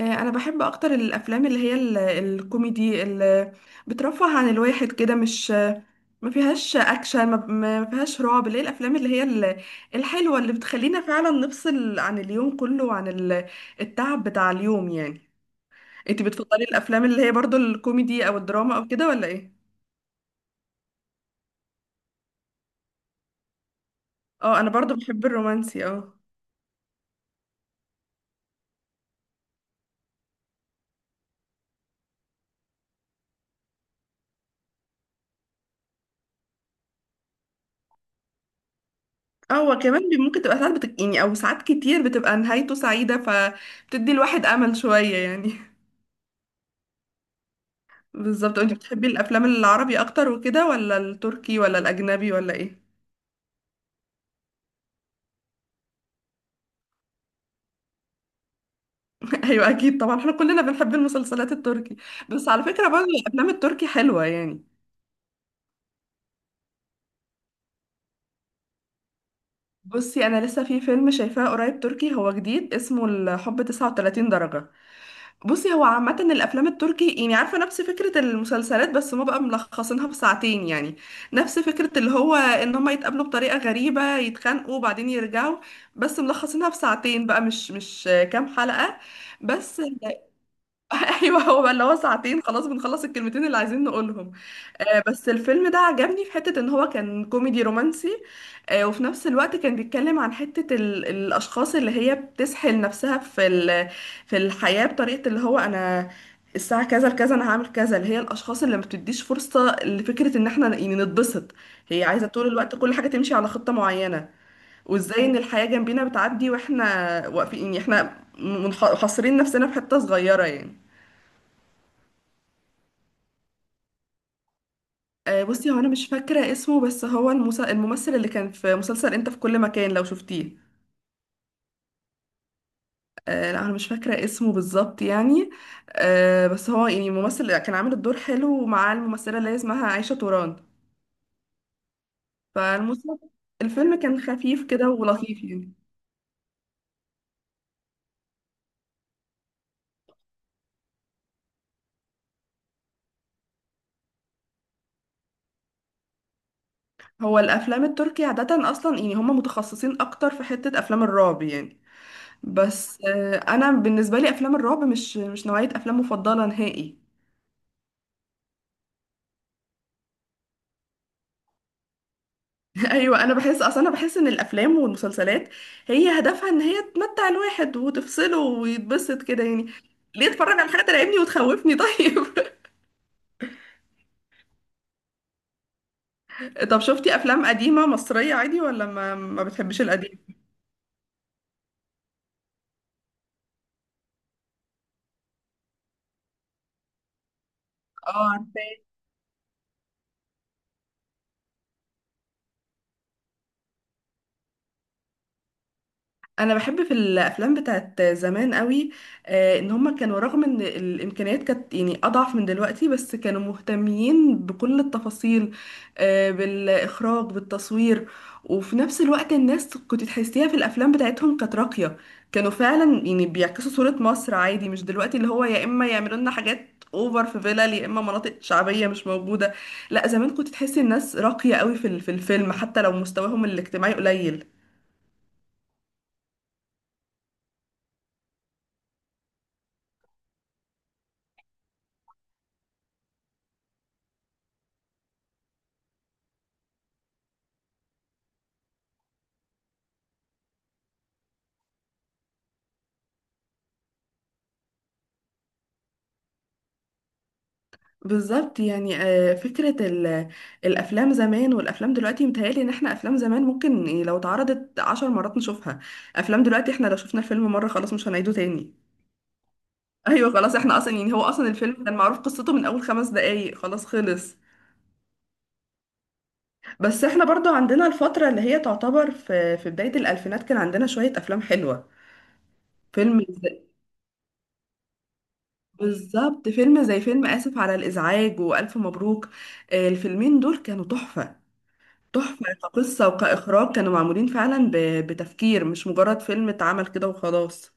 انا بحب اكتر الافلام اللي هي الكوميدي اللي بترفه عن الواحد كده، مش ما فيهاش اكشن، ما فيهاش رعب، اللي هي الافلام اللي هي الحلوه اللي بتخلينا فعلا نفصل عن اليوم كله وعن التعب بتاع اليوم يعني. انت بتفضلي الافلام اللي هي برضو الكوميدي او الدراما او كده ولا ايه؟ اه، انا برضو بحب الرومانسي، اه. اه، وكمان ممكن تبقى ساعات يعني او ساعات كتير بتبقى نهايته سعيده، فبتدي الواحد امل شويه يعني. بالظبط. انت بتحبي الافلام العربي اكتر وكده ولا التركي ولا الاجنبي ولا ايه؟ ايوه اكيد طبعا، احنا كلنا بنحب المسلسلات التركي. بس على فكره برضه الافلام التركي حلوه يعني. بصي، انا لسه في فيلم شايفاه قريب تركي، هو جديد اسمه الحب 39 درجه. بصي، هو عامة الأفلام التركي يعني، عارفة، نفس فكرة المسلسلات بس ما بقى ملخصينها بساعتين يعني. نفس فكرة اللي هو إن هما يتقابلوا بطريقة غريبة، يتخانقوا وبعدين يرجعوا، بس ملخصينها بساعتين بقى، مش كام حلقة بس. ايوه، هو اللي هو ساعتين، خلاص بنخلص الكلمتين اللي عايزين نقولهم. بس الفيلم ده عجبني في حتة ان هو كان كوميدي رومانسي. وفي نفس الوقت كان بيتكلم عن حتة الاشخاص اللي هي بتسحل نفسها في في الحياة، بطريقة اللي هو: انا الساعة كذا لكذا انا هعمل كذا، اللي هي الاشخاص اللي ما بتديش فرصة لفكرة ان احنا يعني نتبسط، هي عايزة طول الوقت كل حاجة تمشي على خطة معينة. وازاي ان الحياة جنبينا بتعدي واحنا واقفين، يعني احنا حاصرين نفسنا في حتة صغيرة يعني. بصي، هو انا مش فاكره اسمه، بس هو الممثل اللي كان في مسلسل انت في كل مكان، لو شفتيه. لا، انا مش فاكره اسمه بالظبط يعني. بس هو يعني ممثل كان عامل الدور حلو مع الممثله اللي هي اسمها عائشه توران، فالمسلسل. الفيلم كان خفيف كده ولطيف يعني. هو الافلام التركي عاده اصلا يعني هم متخصصين اكتر في حته افلام الرعب يعني. بس انا بالنسبه لي افلام الرعب مش نوعيه افلام مفضله نهائي. ايوه، انا بحس اصلا، انا بحس ان الافلام والمسلسلات هي هدفها ان هي تمتع الواحد وتفصله ويتبسط كده يعني. ليه اتفرج على حاجه ترعبني وتخوفني طيب؟ طب شفتي افلام قديمه مصريه عادي ولا ما بتحبيش القديم؟ اه، انا بحب في الافلام بتاعت زمان قوي. ان هما كانوا، رغم ان الامكانيات كانت يعني اضعف من دلوقتي، بس كانوا مهتمين بكل التفاصيل. بالاخراج، بالتصوير. وفي نفس الوقت الناس كنت تحسيها في الافلام بتاعتهم كانت راقية، كانوا فعلا يعني بيعكسوا صورة مصر عادي، مش دلوقتي اللي هو يا اما يعملوا لنا حاجات اوفر في فيلل، يا اما مناطق شعبية مش موجودة. لا، زمان كنت تحسي الناس راقية قوي في في الفيلم، حتى لو مستواهم الاجتماعي قليل. بالظبط يعني. فكرة الأفلام زمان والأفلام دلوقتي، متهيألي إن احنا أفلام زمان ممكن يعني لو اتعرضت عشر مرات نشوفها، أفلام دلوقتي احنا لو شفنا الفيلم مرة خلاص مش هنعيده تاني. أيوة خلاص، احنا أصلا يعني، هو أصلا الفيلم كان معروف قصته من أول خمس دقايق، خلاص خلص. بس احنا برضو عندنا الفترة اللي هي تعتبر في بداية الألفينات كان عندنا شوية أفلام حلوة. فيلم زي-، بالظبط فيلم زي فيلم آسف على الإزعاج وألف مبروك. الفيلمين دول كانوا تحفة. تحفة كقصة وكإخراج، كانوا معمولين فعلا بتفكير، مش مجرد فيلم اتعمل كده وخلاص.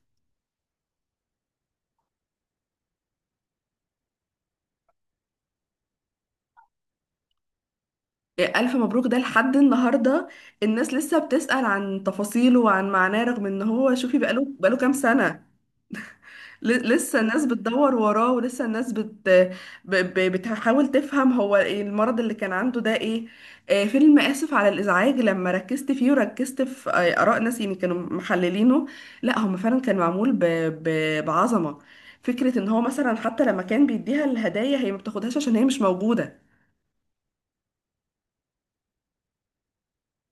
إيه، ألف مبروك ده لحد النهاردة الناس لسه بتسأل عن تفاصيله وعن معناه، رغم إن هو شوفي بقاله كام سنة. لسه الناس بتدور وراه، ولسه الناس بتحاول تفهم هو إيه المرض اللي كان عنده ده ايه. فيلم آسف على الإزعاج لما ركزت فيه وركزت في آراء ناس يعني كانوا محللينه، لا هم فعلا كان معمول بعظمة. فكرة ان هو مثلا حتى لما كان بيديها الهدايا هي ما بتاخدهاش عشان هي مش موجودة.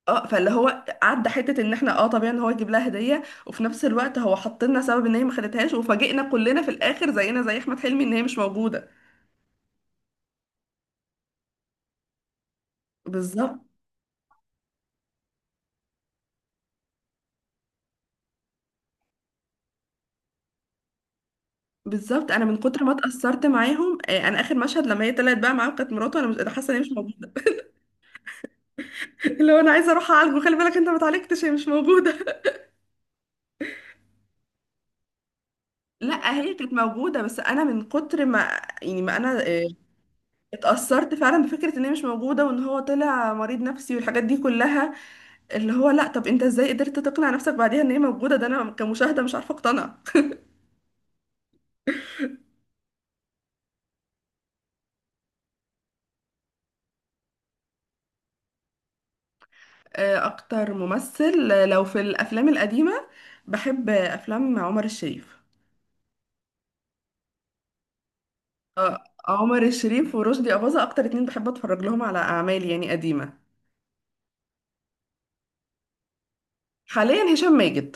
اه، فاللي هو عدى حتة ان احنا، اه، طبيعي ان هو يجيب لها هدية، وفي نفس الوقت هو حط لنا سبب ان هي ما خدتهاش، وفاجئنا كلنا في الاخر زينا زي احمد حلمي ان هي مش موجودة. بالظبط. بالظبط، انا من كتر ما اتاثرت معاهم، انا اخر مشهد لما هي طلعت بقى معاهم كانت مراته، انا مش أنا حاسه ان هي مش موجوده. اللي هو انا عايزه اروح اعالجه، خلي بالك انت ما اتعالجتش، هي مش موجوده. لا، هي كانت موجوده، بس انا من كتر ما يعني، ما انا اتاثرت فعلا بفكره ان هي مش موجوده، وان هو طلع مريض نفسي والحاجات دي كلها. اللي هو لا، طب انت ازاي قدرت تقنع نفسك بعديها ان هي موجوده؟ ده انا كمشاهده مش عارفه اقتنع. اكتر ممثل لو في الافلام القديمه بحب افلام عمر الشريف. عمر الشريف ورشدي أباظة أكتر اتنين بحب أتفرج لهم على أعمال يعني قديمة. حاليا هشام ماجد.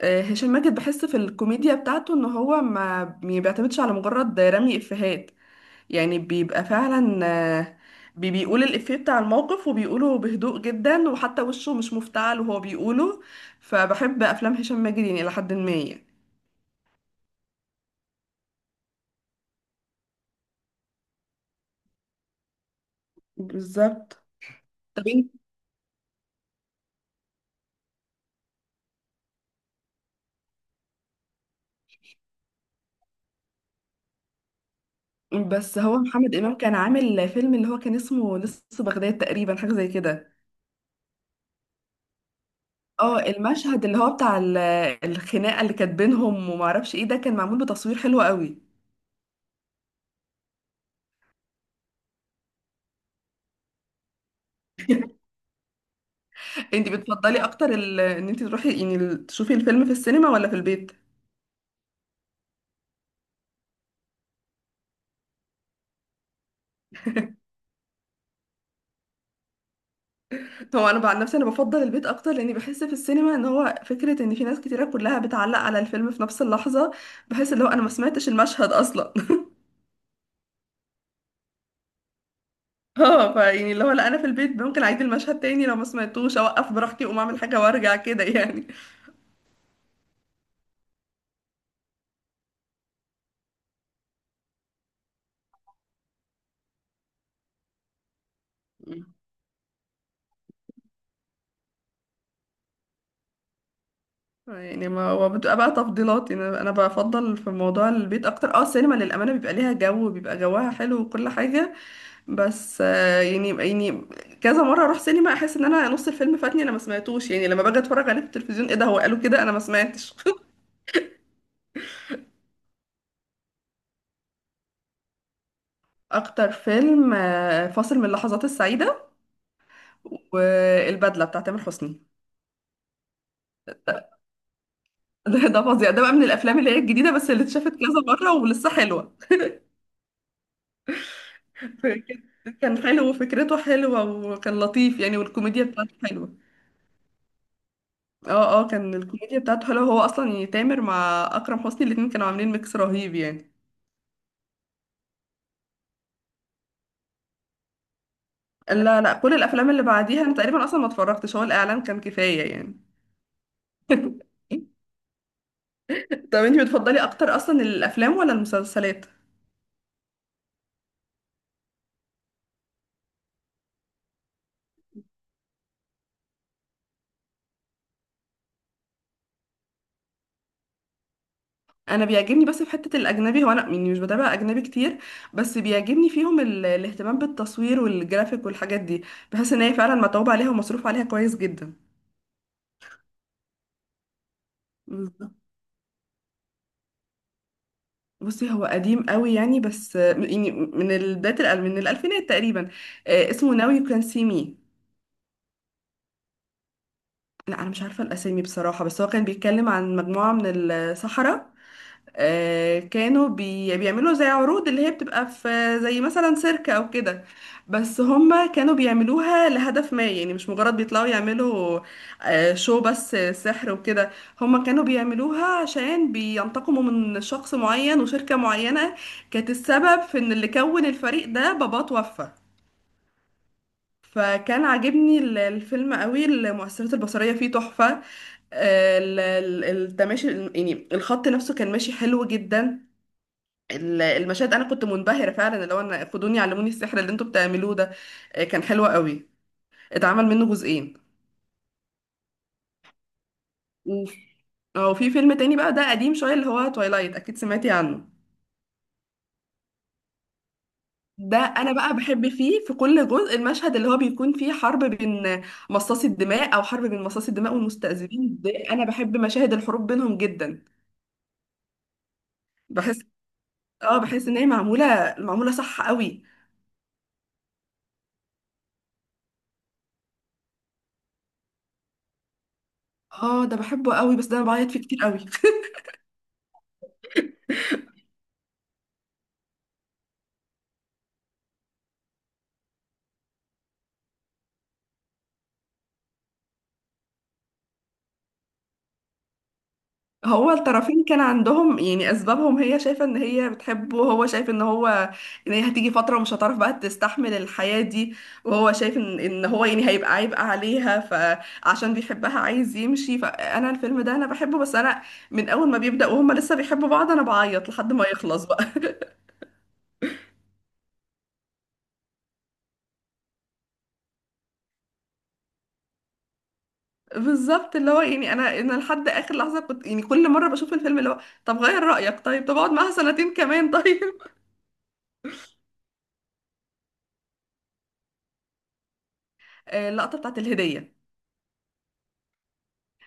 هشام ماجد بحس في الكوميديا بتاعته إن هو ما بيعتمدش على مجرد رمي إفيهات، يعني بيبقى فعلا، آه، بيقول الإفيه بتاع الموقف وبيقوله بهدوء جدا، وحتى وشه مش مفتعل وهو بيقوله، فبحب أفلام هشام ماجد يعني إلى حد ما يعني. بالظبط. طب انت-، بس هو محمد إمام كان عامل فيلم اللي هو كان اسمه لص بغداد تقريبا، حاجة زي كده. اه، المشهد اللي هو بتاع الخناقه اللي كانت بينهم وما اعرفش ايه، ده كان معمول بتصوير حلو قوي. انت بتفضلي اكتر ان انت تروحي يعني تشوفي الفيلم في السينما ولا في البيت؟ هو انا عن نفسي انا بفضل البيت اكتر، لاني بحس في السينما ان هو فكره ان في ناس كتيره كلها بتعلق على الفيلم في نفس اللحظه، بحس اللي هو انا ما سمعتش المشهد اصلا. اه، فيعني اللي هو لا، انا في البيت ممكن اعيد المشهد تاني لو ما سمعتوش، اوقف براحتي، اقوم اعمل حاجه وارجع كده يعني. يعني ما هو بتبقى بقى تفضيلات يعني، انا أنا بفضل في موضوع البيت اكتر. اه، السينما للامانه بيبقى ليها جو، بيبقى جواها حلو وكل حاجه، بس يعني كذا مره اروح سينما احس ان انا نص الفيلم فاتني انا ما سمعتوش، يعني لما باجي اتفرج عليه في التلفزيون، ايه ده هو قالوا كده، انا ما سمعتش. اكتر فيلم فاصل من اللحظات السعيده والبدله بتاع تامر حسني. ده فظيع، ده بقى من الافلام اللي هي الجديده، بس اللي اتشافت كذا مره ولسه حلوه. كان حلو وفكرته حلوه وكان لطيف يعني، والكوميديا بتاعته حلوه. اه. اه، كان الكوميديا بتاعته حلوه، هو اصلا يعني تامر مع اكرم حسني الاتنين كانوا عاملين ميكس رهيب يعني. لا لا، كل الافلام اللي بعديها انا تقريبا اصلا ما اتفرجتش، هو الاعلان كان كفايه يعني. طب انتي بتفضلي اكتر اصلا الافلام ولا المسلسلات؟ انا بيعجبني بس في حته الاجنبي، هو انا يعني مش بتابع اجنبي كتير، بس بيعجبني فيهم الاهتمام بالتصوير والجرافيك والحاجات دي، بحس ان هي فعلا متعوب عليها ومصروف عليها كويس جدا. بصي، هو قديم قوي يعني، بس يعني من بداية من الألفينات تقريبا. اسمه ناوي يو كان سي مي. لا، أنا مش عارفة الأسامي بصراحة، بس هو كان بيتكلم عن مجموعة من الصحراء، كانوا بيعملوا زي عروض اللي هي بتبقى في زي مثلا سيركة او كده، بس هما كانوا بيعملوها لهدف ما يعني، مش مجرد بيطلعوا يعملوا شو بس سحر وكده، هما كانوا بيعملوها عشان بينتقموا من شخص معين وشركة معينة كانت السبب في ان اللي كون الفريق ده باباه توفى. فكان عاجبني الفيلم قوي، المؤثرات البصرية فيه تحفة. التماشي يعني الخط نفسه كان ماشي حلو جدا. المشاهد انا كنت منبهره فعلا، اللي هو انا خدوني علموني السحر اللي انتوا بتعملوه ده. كان حلو قوي، اتعمل منه جزئين. وفي اه في فيلم تاني بقى، ده قديم شويه، اللي هو تويلايت، اكيد سمعتي عنه. ده انا بقى بحب فيه في كل جزء المشهد اللي هو بيكون فيه حرب بين مصاصي الدماء، او حرب بين مصاصي الدماء والمستذئبين، ده انا بحب مشاهد الحروب بينهم جدا. بحس، اه، بحس ان هي معموله معموله صح قوي. اه، ده بحبه قوي، بس ده انا بعيط فيه كتير قوي. هو الطرفين كان عندهم يعني اسبابهم، هي شايفه ان هي بتحبه، وهو شايف ان هو ان هي هتيجي فتره ومش هتعرف بقى تستحمل الحياه دي، وهو شايف ان هو يعني هيبقى عبء عليها، فعشان بيحبها عايز يمشي، فانا الفيلم ده انا بحبه، بس انا من اول ما بيبدا وهما لسه بيحبوا بعض انا بعيط لحد ما يخلص بقى. بالظبط، اللي هو يعني انا لحد اخر لحظه كنت يعني كل مره بشوف الفيلم اللي هو طب غير رايك طيب، طب اقعد معاها سنتين كمان طيب. اللقطه بتاعت الهديه.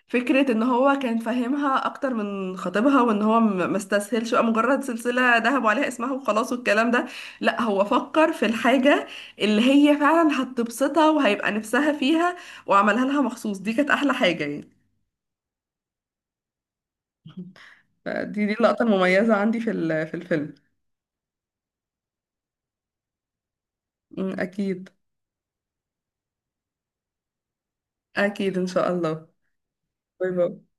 فكرة ان هو كان فاهمها اكتر من خطيبها، وان هو ما استسهلش بقى مجرد سلسلة ذهب عليها اسمها وخلاص والكلام ده، لا هو فكر في الحاجة اللي هي فعلا هتبسطها وهيبقى نفسها فيها، وعملها لها مخصوص، دي كانت احلى حاجة يعني. فدي اللقطة المميزة عندي في في الفيلم. اكيد. اكيد ان شاء الله. باي باي.